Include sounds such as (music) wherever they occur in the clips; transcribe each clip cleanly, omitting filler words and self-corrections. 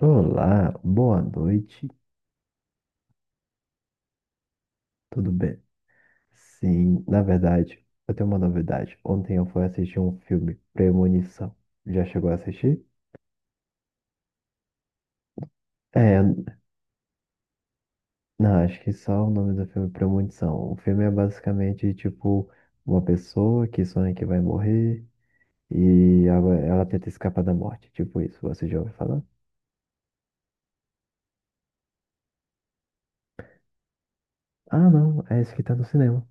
Olá, boa noite, tudo bem? Sim, na verdade, eu tenho uma novidade. Ontem eu fui assistir um filme, Premonição. Já chegou a assistir? É, não, acho que só o nome do filme é Premonição. O filme é basicamente tipo uma pessoa que sonha que vai morrer e ela tenta escapar da morte, tipo isso. Você já ouviu falar? Ah, não, é esse que tá no cinema.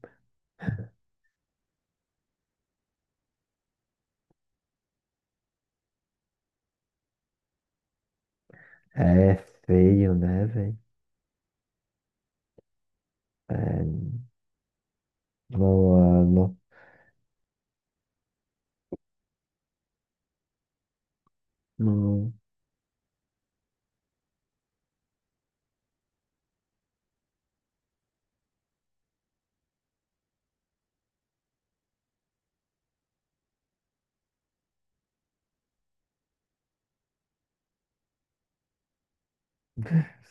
É feio, né, velho? É, não, ah, não, não.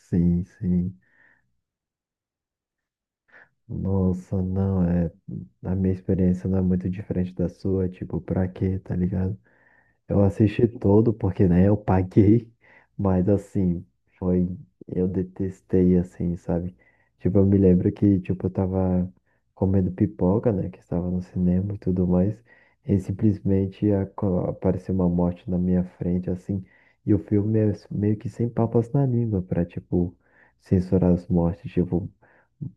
Sim, sim. Nossa, não, é. A minha experiência não é muito diferente da sua, tipo, pra quê, tá ligado? Eu assisti todo, porque, né, eu paguei, mas assim, foi, eu detestei, assim, sabe? Tipo, eu me lembro que, tipo, eu tava comendo pipoca, né, que estava no cinema e tudo mais, e simplesmente apareceu uma morte na minha frente, assim, e o filme é meio que sem papas na língua pra, tipo, censurar as mortes, tipo,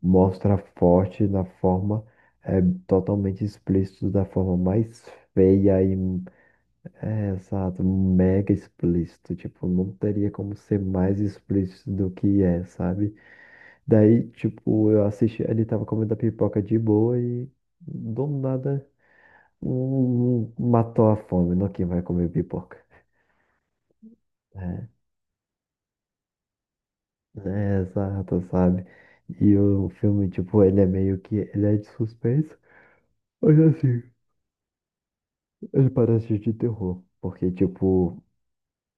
mostra forte na forma, é totalmente explícito, da forma mais feia e é, exato, mega explícito, tipo, não teria como ser mais explícito do que é, sabe? Daí, tipo, eu assisti, ele tava comendo a pipoca de boa e do nada um matou a fome, não quem vai comer pipoca. É, é, exato, sabe? E o filme, tipo, ele é meio que, ele é de suspense, mas assim, ele parece de terror, porque, tipo,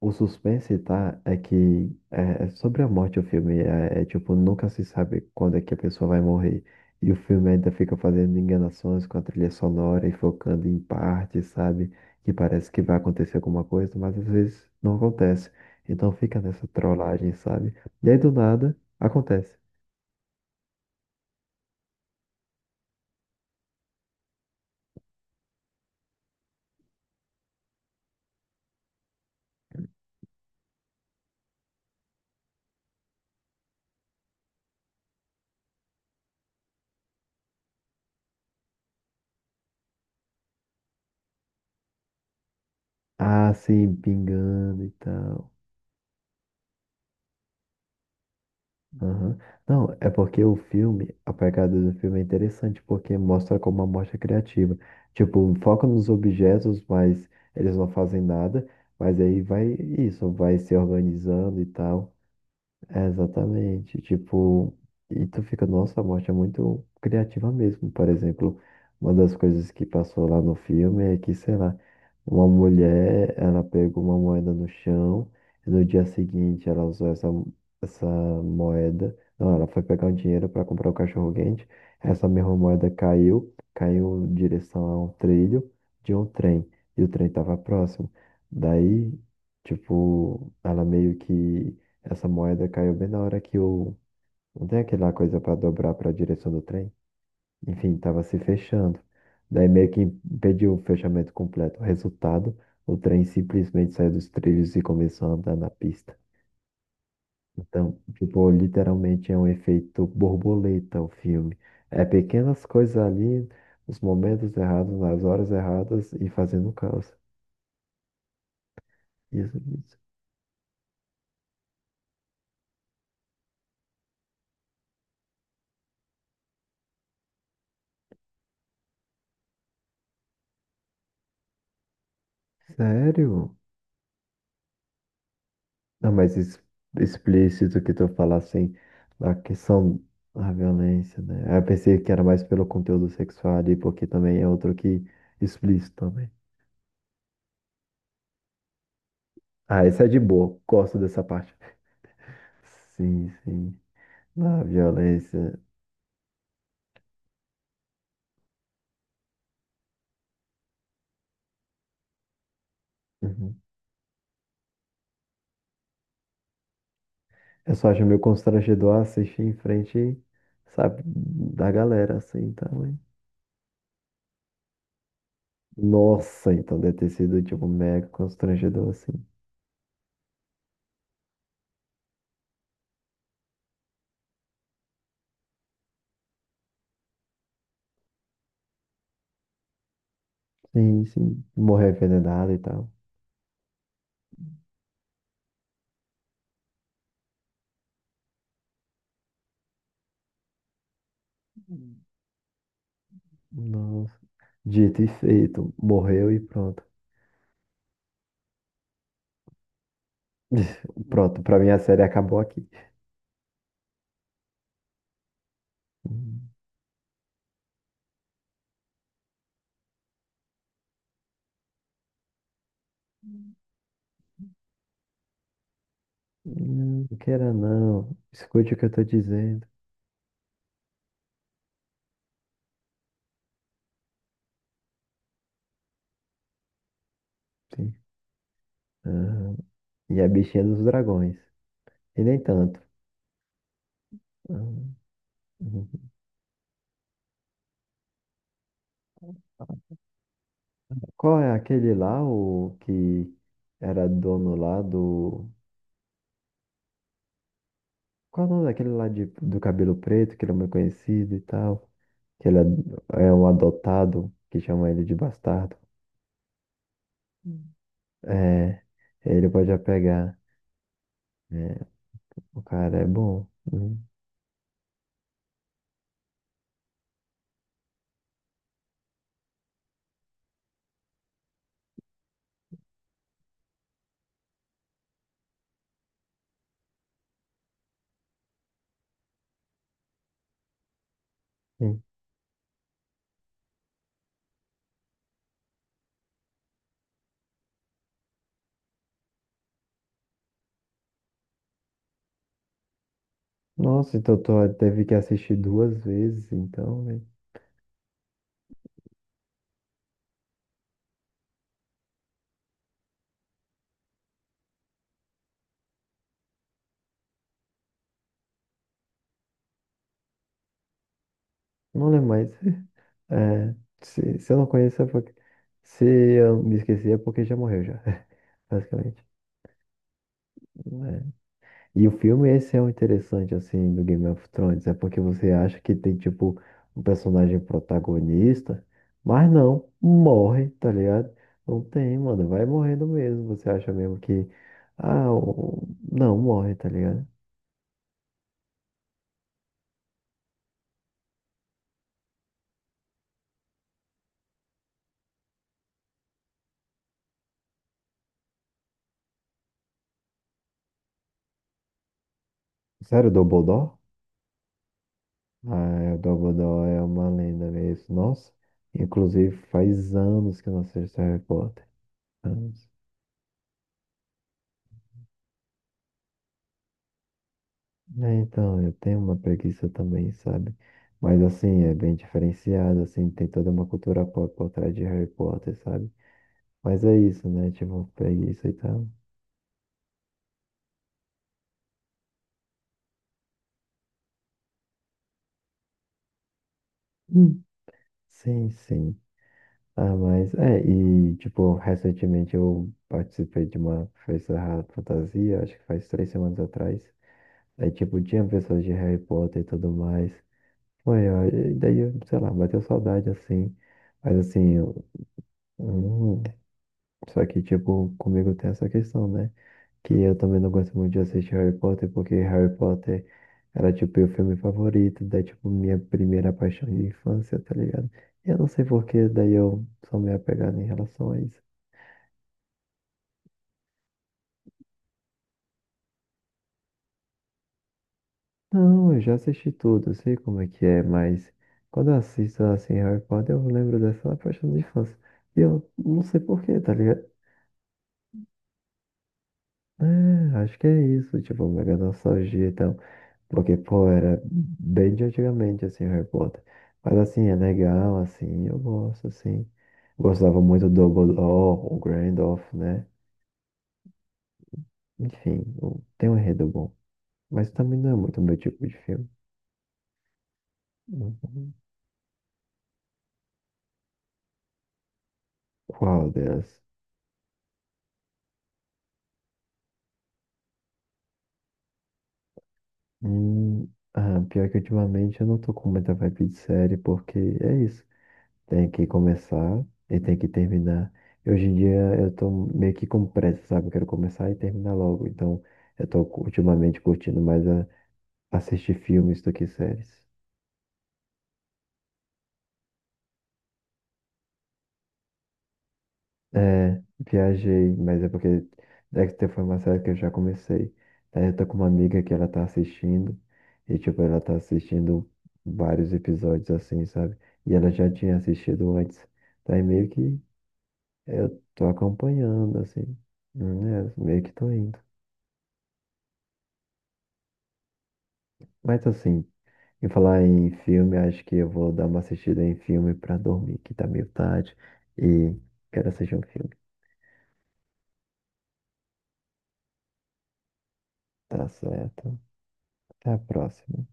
o suspense, tá? É que é sobre a morte o filme. É, é tipo, nunca se sabe quando é que a pessoa vai morrer. E o filme ainda fica fazendo enganações com a trilha sonora e focando em partes, sabe? Que parece que vai acontecer alguma coisa, mas às vezes não acontece. Então fica nessa trollagem, sabe? E aí do nada, acontece. Ah, sim, pingando e tal. Aham. Não, é porque o filme, a pegada do filme é interessante, porque mostra como uma morte é criativa. Tipo, foca nos objetos, mas eles não fazem nada, mas aí vai isso, vai se organizando e tal. É, exatamente. Tipo, e tu fica, nossa, a morte é muito criativa mesmo. Por exemplo, uma das coisas que passou lá no filme é que, sei lá, uma mulher, ela pegou uma moeda no chão e no dia seguinte ela usou essa moeda. Não, ela foi pegar o dinheiro para comprar o cachorro-quente. Essa mesma moeda caiu em direção a um trilho de um trem. E o trem estava próximo. Daí, tipo, ela meio que essa moeda caiu bem na hora que o. Não tem aquela coisa para dobrar para a direção do trem? Enfim, estava se fechando. Daí meio que impediu o fechamento completo. O resultado, o trem simplesmente saiu dos trilhos e começou a andar na pista. Então, tipo, literalmente é um efeito borboleta o filme. É pequenas coisas ali, os momentos errados, nas horas erradas e fazendo caos. Isso, isso. Sério? Não, mas explícito que tu fala assim, a questão da violência, né? Aí eu pensei que era mais pelo conteúdo sexual ali, porque também é outro que explícito também. Ah, essa é de boa, gosto dessa parte. Sim, sim, na violência. Uhum. Eu só acho meio constrangedor assistir em frente, sabe, da galera, assim, então, hein? Nossa, então deve ter sido, tipo, mega constrangedor, assim. Sim, sim, morrer envenenado e tal. Nossa. Dito e feito. Morreu e pronto. (laughs) Pronto, pra mim a série acabou aqui. Hum, não, não queira não. Escute o que eu tô dizendo. Sim. Ah, e a bichinha dos dragões. E nem tanto. Ah, uhum. Qual é aquele lá, o que era dono lá do. Qual é o nome daquele lá de, do cabelo preto, que ele é muito conhecido e tal? Que ele é, é um adotado, que chamam ele de bastardo. Hum. É, ele pode já pegar. O cara é bom. Hum, hum. Nossa, então tu teve que assistir duas vezes, então, né? Não lembro mais. (laughs) É, se eu não conheço, é porque... Se eu me esqueci, é porque já morreu, já. (laughs) Basicamente. É. E o filme, esse é o interessante, assim, do Game of Thrones. É porque você acha que tem, tipo, um personagem protagonista, mas não, morre, tá ligado? Não tem, mano, vai morrendo mesmo. Você acha mesmo que. Ah, o- não, morre, tá ligado? Sério, Dumbledore? Ah, o Dumbledore é uma lenda mesmo. Nossa, inclusive faz anos que eu não assisto Harry Potter. Anos. É, então, eu tenho uma preguiça também, sabe? Mas assim, é bem diferenciado, assim, tem toda uma cultura pop por trás de Harry Potter, sabe? Mas é isso, né? Tipo, preguiça e tal. Hum. Sim, sim. Ah, mas é, e tipo, recentemente eu participei de uma festa ra- fantasia, acho que faz 3 semanas atrás. Aí, tipo, tinha pessoas de Harry Potter e tudo mais. Foi, ó, e daí, eu, sei lá, bateu saudade assim, mas assim, eu- hum, só que tipo, comigo tem essa questão, né? Que eu também não gosto muito de assistir Harry Potter, porque Harry Potter era tipo meu filme favorito, daí tipo minha primeira paixão de infância, tá ligado? E eu não sei por que, daí eu sou meio apegado em relação a isso. Não, eu já assisti tudo, eu sei como é que é, mas quando eu assisto assim Harry Potter, eu lembro dessa paixão de infância. E eu não sei por quê, tá ligado? É, acho que é isso, tipo, mega nostalgia e tal. Porque, pô, era bem de antigamente, assim, Harry Potter. Mas, assim, é legal, assim, eu gosto, assim. Gostava muito do Dumbledore, o Gandalf, né? Enfim, o- tem um enredo bom. Mas também não é muito meu tipo de filme. Uhum. Qual delas? Hum, ah, pior que ultimamente eu não tô com muita vibe de série, porque é isso. Tem que começar e tem que terminar. Hoje em dia eu tô meio que com pressa, sabe? Eu quero começar e terminar logo. Então eu tô ultimamente curtindo mais assistir filmes do que séries. É, viajei, mas é porque Dexter foi uma série que eu já comecei. Aí eu tô com uma amiga que ela tá assistindo e, tipo, ela tá assistindo vários episódios assim, sabe? E ela já tinha assistido antes. Daí meio que eu tô acompanhando, assim, né? Meio que tô indo. Mas assim, em falar em filme, acho que eu vou dar uma assistida em filme pra dormir, que tá meio tarde. E quero assistir um filme. Tá certo. Até a próxima.